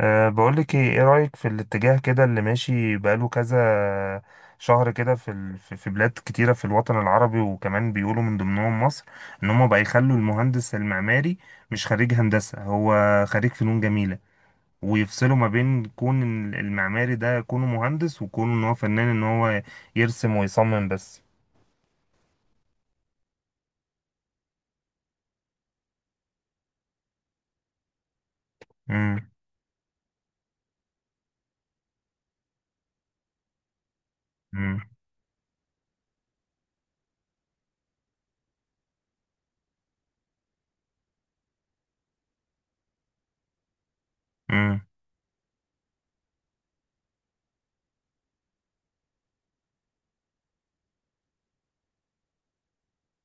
بقولك ايه رأيك في الاتجاه كده اللي ماشي بقاله كذا شهر كده في بلاد كتيرة في الوطن العربي، وكمان بيقولوا من ضمنهم مصر ان هم بقى يخلوا المهندس المعماري مش خريج هندسة، هو خريج فنون جميلة، ويفصلوا ما بين كون إن المعماري ده كونه مهندس وكونه ان هو فنان، ان هو يرسم ويصمم بس. امم.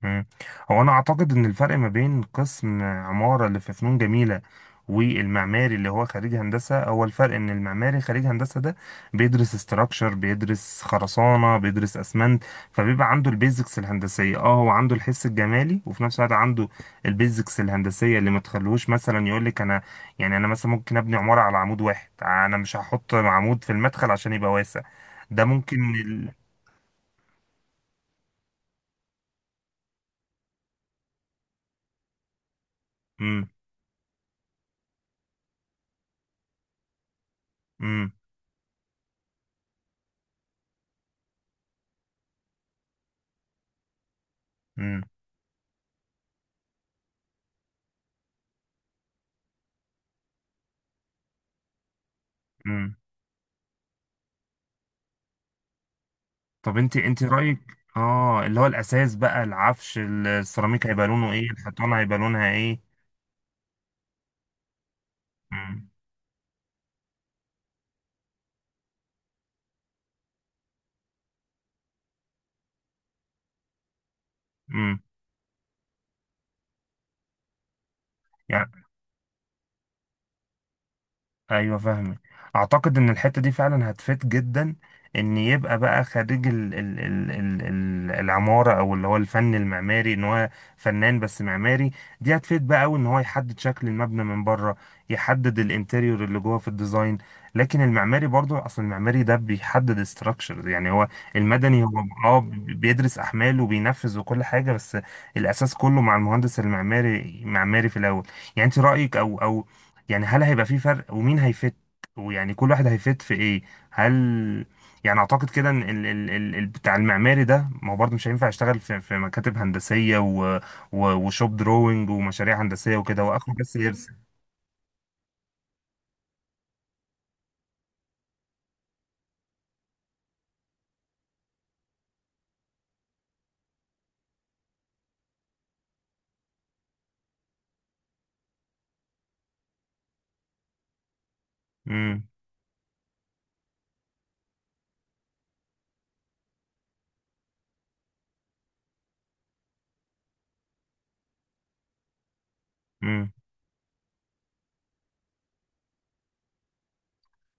مم. هو انا اعتقد ان الفرق ما بين قسم عمارة اللي في فنون جميلة والمعماري اللي هو خريج هندسة، هو الفرق ان المعماري خريج هندسة ده بيدرس استراكشر، بيدرس خرسانة، بيدرس اسمنت، فبيبقى عنده البيزكس الهندسية. اه هو عنده الحس الجمالي وفي نفس الوقت عنده البيزكس الهندسية اللي ما تخلوش مثلا يقول لك انا، يعني انا مثلا ممكن ابني عمارة على عمود واحد، انا مش هحط عمود في المدخل عشان يبقى واسع. ده ممكن مم. مم. مم. مم. طب انت رأيك، اه اللي هو الأساس بقى، العفش، السيراميك هيبقى لونه ايه، الحيطان هيبقى لونها ايه. امم. امم. ايوه، فاهمك. اعتقد ان الحته دي فعلا هتفيد جدا، ان يبقى بقى خريج ال ال ال ال ال العماره او اللي هو الفن المعماري، ان هو فنان بس معماري. دي هتفيد بقى قوي ان هو يحدد شكل المبنى من بره، يحدد الانتريور اللي جوه في الديزاين. لكن المعماري برضو، اصل المعماري ده بيحدد ستراكشرز، يعني هو المدني. هو اه بيدرس احمال وبينفذ وكل حاجه، بس الاساس كله مع المهندس المعماري، معماري في الاول. يعني انت رايك، او يعني هل هيبقى في فرق ومين هيفت، ويعني كل واحد هيفت في ايه؟ هل يعني اعتقد كده ان بتاع المعماري ده، ما هو برضه مش هينفع يشتغل في, في مكاتب هندسية وشوب دروينج ومشاريع هندسية وكده، واخره بس يرسم. امم. امم.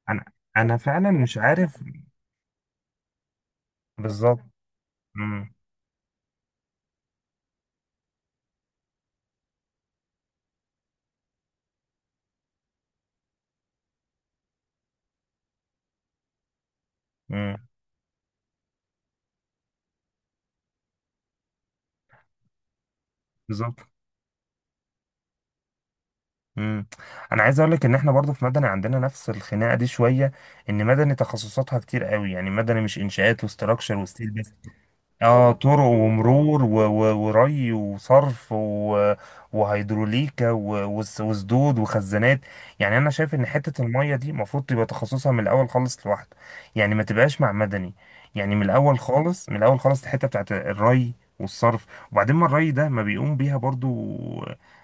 انا انا فعلا مش عارف بالظبط. امم. امم. بالظبط. امم. انا عايز اقول لك ان احنا برضه في مدني عندنا نفس الخناقه دي شويه، ان مدني تخصصاتها كتير قوي. يعني مدني مش انشاءات وستراكشر وستيل، اه طرق ومرور وري وصرف وهيدروليكا وسدود وخزانات. يعني انا شايف ان حته الميه دي المفروض تبقى تخصصها من الاول خالص لوحده، يعني ما تبقاش مع مدني. يعني من الاول خالص، من الاول خالص، الحته بتاعت الري والصرف. وبعدين ما الري ده ما بيقوم بيها برضو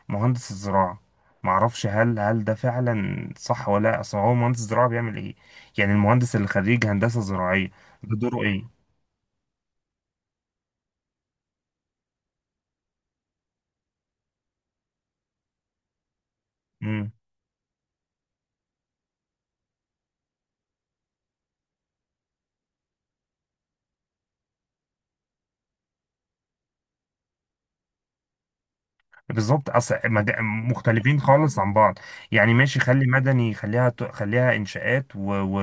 مهندس الزراعه؟ معرفش هل ده فعلا صح ولا لا. اصل هو مهندس الزراعه بيعمل ايه؟ يعني المهندس اللي خريج هندسه زراعيه، ده دوره ايه بالظبط؟ اصل مختلفين خالص عن بعض. يعني ماشي، خلي مدني، خليها خليها انشاءات و, و...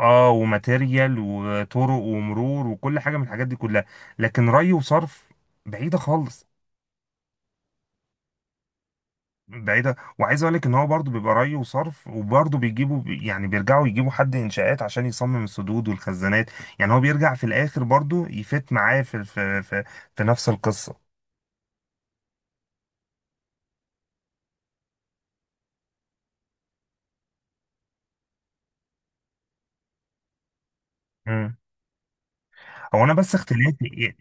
اه وماتيريال وطرق ومرور وكل حاجه من الحاجات دي كلها، لكن ري وصرف بعيده خالص. بعيده، وعايز اقول لك ان هو برضو بيبقى ري وصرف، وبرضو بيجيبوا، يعني بيرجعوا يجيبوا حد انشاءات عشان يصمم السدود والخزانات. يعني هو بيرجع في الاخر برضو يفت معاه في في نفس القصه. مم. هو انا بس اختلافي،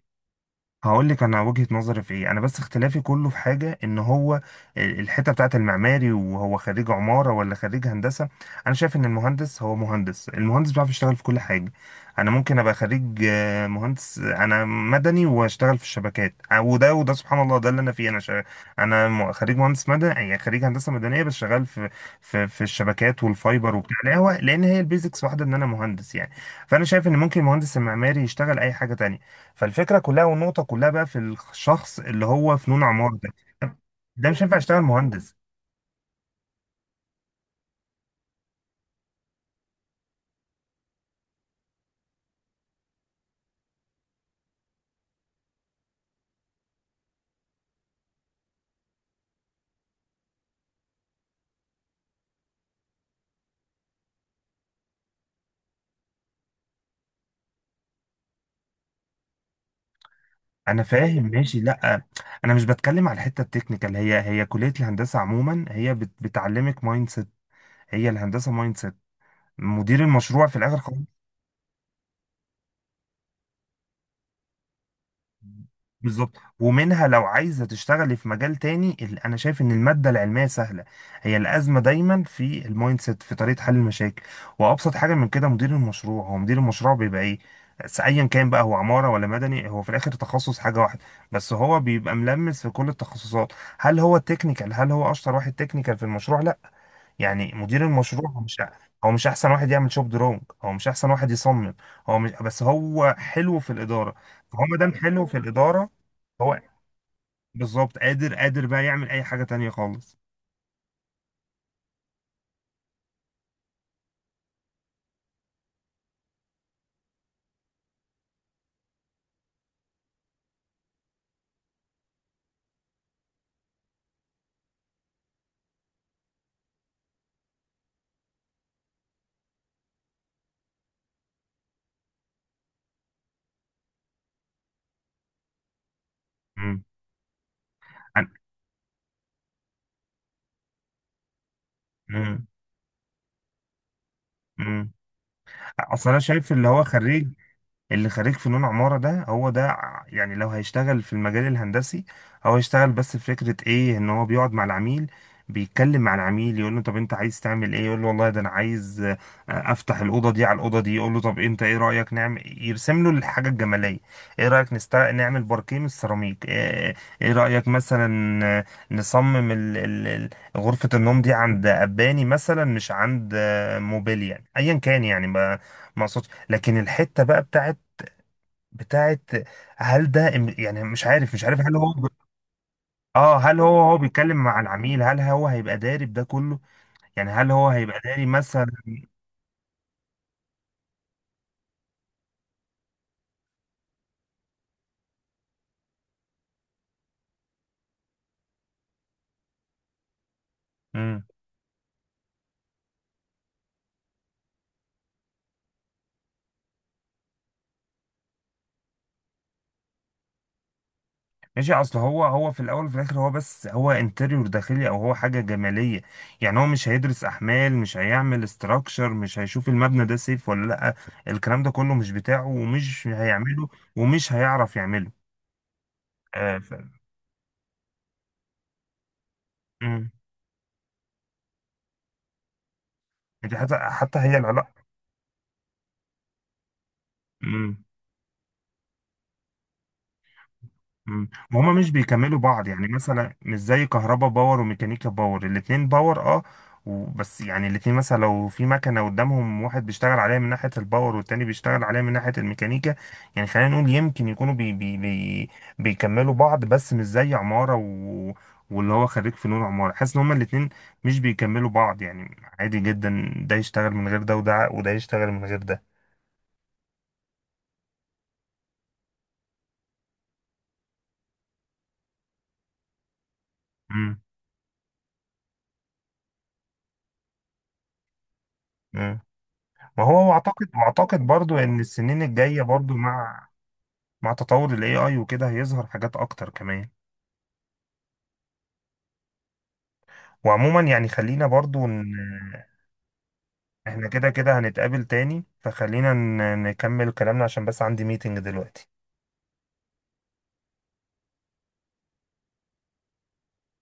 هقول لك انا وجهة نظري في ايه، انا بس اختلافي كله في حاجة ان هو الحتة بتاعت المعماري، وهو خريج عمارة ولا خريج هندسة. انا شايف ان المهندس هو مهندس، المهندس بيعرف يشتغل في كل حاجة. انا ممكن ابقى خريج مهندس، انا مدني واشتغل في الشبكات، وده وده، سبحان الله، ده اللي انا فيه. انا خريج مهندس مدني، يعني خريج هندسة مدنية، بس شغال في في في الشبكات والفايبر وبتاع القهوة، لان هي البيزكس واحدة، ان انا مهندس يعني. فانا شايف ان ممكن المهندس المعماري يشتغل اي حاجة تانية. فالفكره كلها والنقطه كلها بقى في الشخص اللي هو فنون عمارة ده، ده مش هينفع يشتغل مهندس. انا فاهم، ماشي. لا، انا مش بتكلم على الحته التكنيكال، هي هي كليه الهندسه عموما هي بتعلمك مايند سيت. هي الهندسه مايند سيت، مدير المشروع في الاخر خالص. بالظبط، ومنها لو عايزة تشتغلي في مجال تاني. أنا شايف إن المادة العلمية سهلة، هي الأزمة دايما في المايند سيت، في طريقة حل المشاكل. وأبسط حاجة من كده مدير المشروع، هو مدير المشروع بيبقى إيه؟ أيا كان بقى، هو عمارة ولا مدني، هو في الآخر تخصص حاجة واحدة، بس هو بيبقى ملمس في كل التخصصات. هل هو التكنيكال، هل هو أشطر واحد تكنيكال في المشروع؟ لا. يعني مدير المشروع هو مش، هو مش احسن واحد يعمل شوب درونج، هو مش احسن واحد يصمم، هو مش، بس هو حلو في الاداره. فهو ما دام حلو في الاداره، هو بالظبط قادر بقى يعمل اي حاجه تانية خالص. امم. أنا- امم. امم. اصل انا شايف اللي هو خريج، اللي خريج فنون عمارة ده، هو ده يعني لو هيشتغل في المجال الهندسي، هو هيشتغل بس في فكرة ايه؟ ان هو بيقعد مع العميل، بيتكلم مع العميل، يقول له طب انت عايز تعمل ايه، يقول له والله ده انا عايز، افتح الاوضه دي على الاوضه دي، يقول له طب انت ايه رايك نعمل، يرسم له الحاجه الجماليه. ايه رايك نعمل باركيه من السيراميك، ايه, إيه رايك مثلا، نصمم غرفه النوم دي عند اباني مثلا مش عند، موبيل يعني ايا كان، يعني ما ما اقصدش. لكن الحته بقى بتاعت هل ده يعني مش عارف، مش عارف، هل هو اه هل هو، هو بيتكلم مع العميل، هل هو هيبقى داري بده كله؟ يعني هل هو هيبقى داري مثلا؟ امم. ماشي، اصل هو، هو في الاول وفي الاخر هو بس، هو انتريور داخلي، او هو حاجه جماليه. يعني هو مش هيدرس احمال، مش هيعمل استراكشر، مش هيشوف المبنى ده سيف ولا لا، الكلام ده كله مش بتاعه ومش هيعمله ومش هيعرف يعمله. آه مم. دي حتى هي العلاقه. مم. وهما مش بيكملوا بعض، يعني مثلا مش زي كهربا باور وميكانيكا باور، الاتنين باور، اه بس يعني الاتنين مثلا لو في مكنة قدامهم، واحد بيشتغل عليها من ناحية الباور والتاني بيشتغل عليها من ناحية الميكانيكا. يعني خلينا نقول يمكن يكونوا بي بي بي بيكملوا بعض، بس مش زي عمارة و... واللي هو خريج فنون عمارة حاسس ان هما الاتنين مش بيكملوا بعض، يعني عادي جدا ده يشتغل من غير ده، وده وده يشتغل من غير ده. مم. مم. ما هو اعتقد، واعتقد برضو ان السنين الجايه برضو مع مع تطور ال AI وكده، هيظهر حاجات أكتر كمان. وعموما يعني خلينا برضو، ان احنا كده كده هنتقابل تاني، فخلينا نكمل كلامنا عشان بس عندي ميتنج دلوقتي.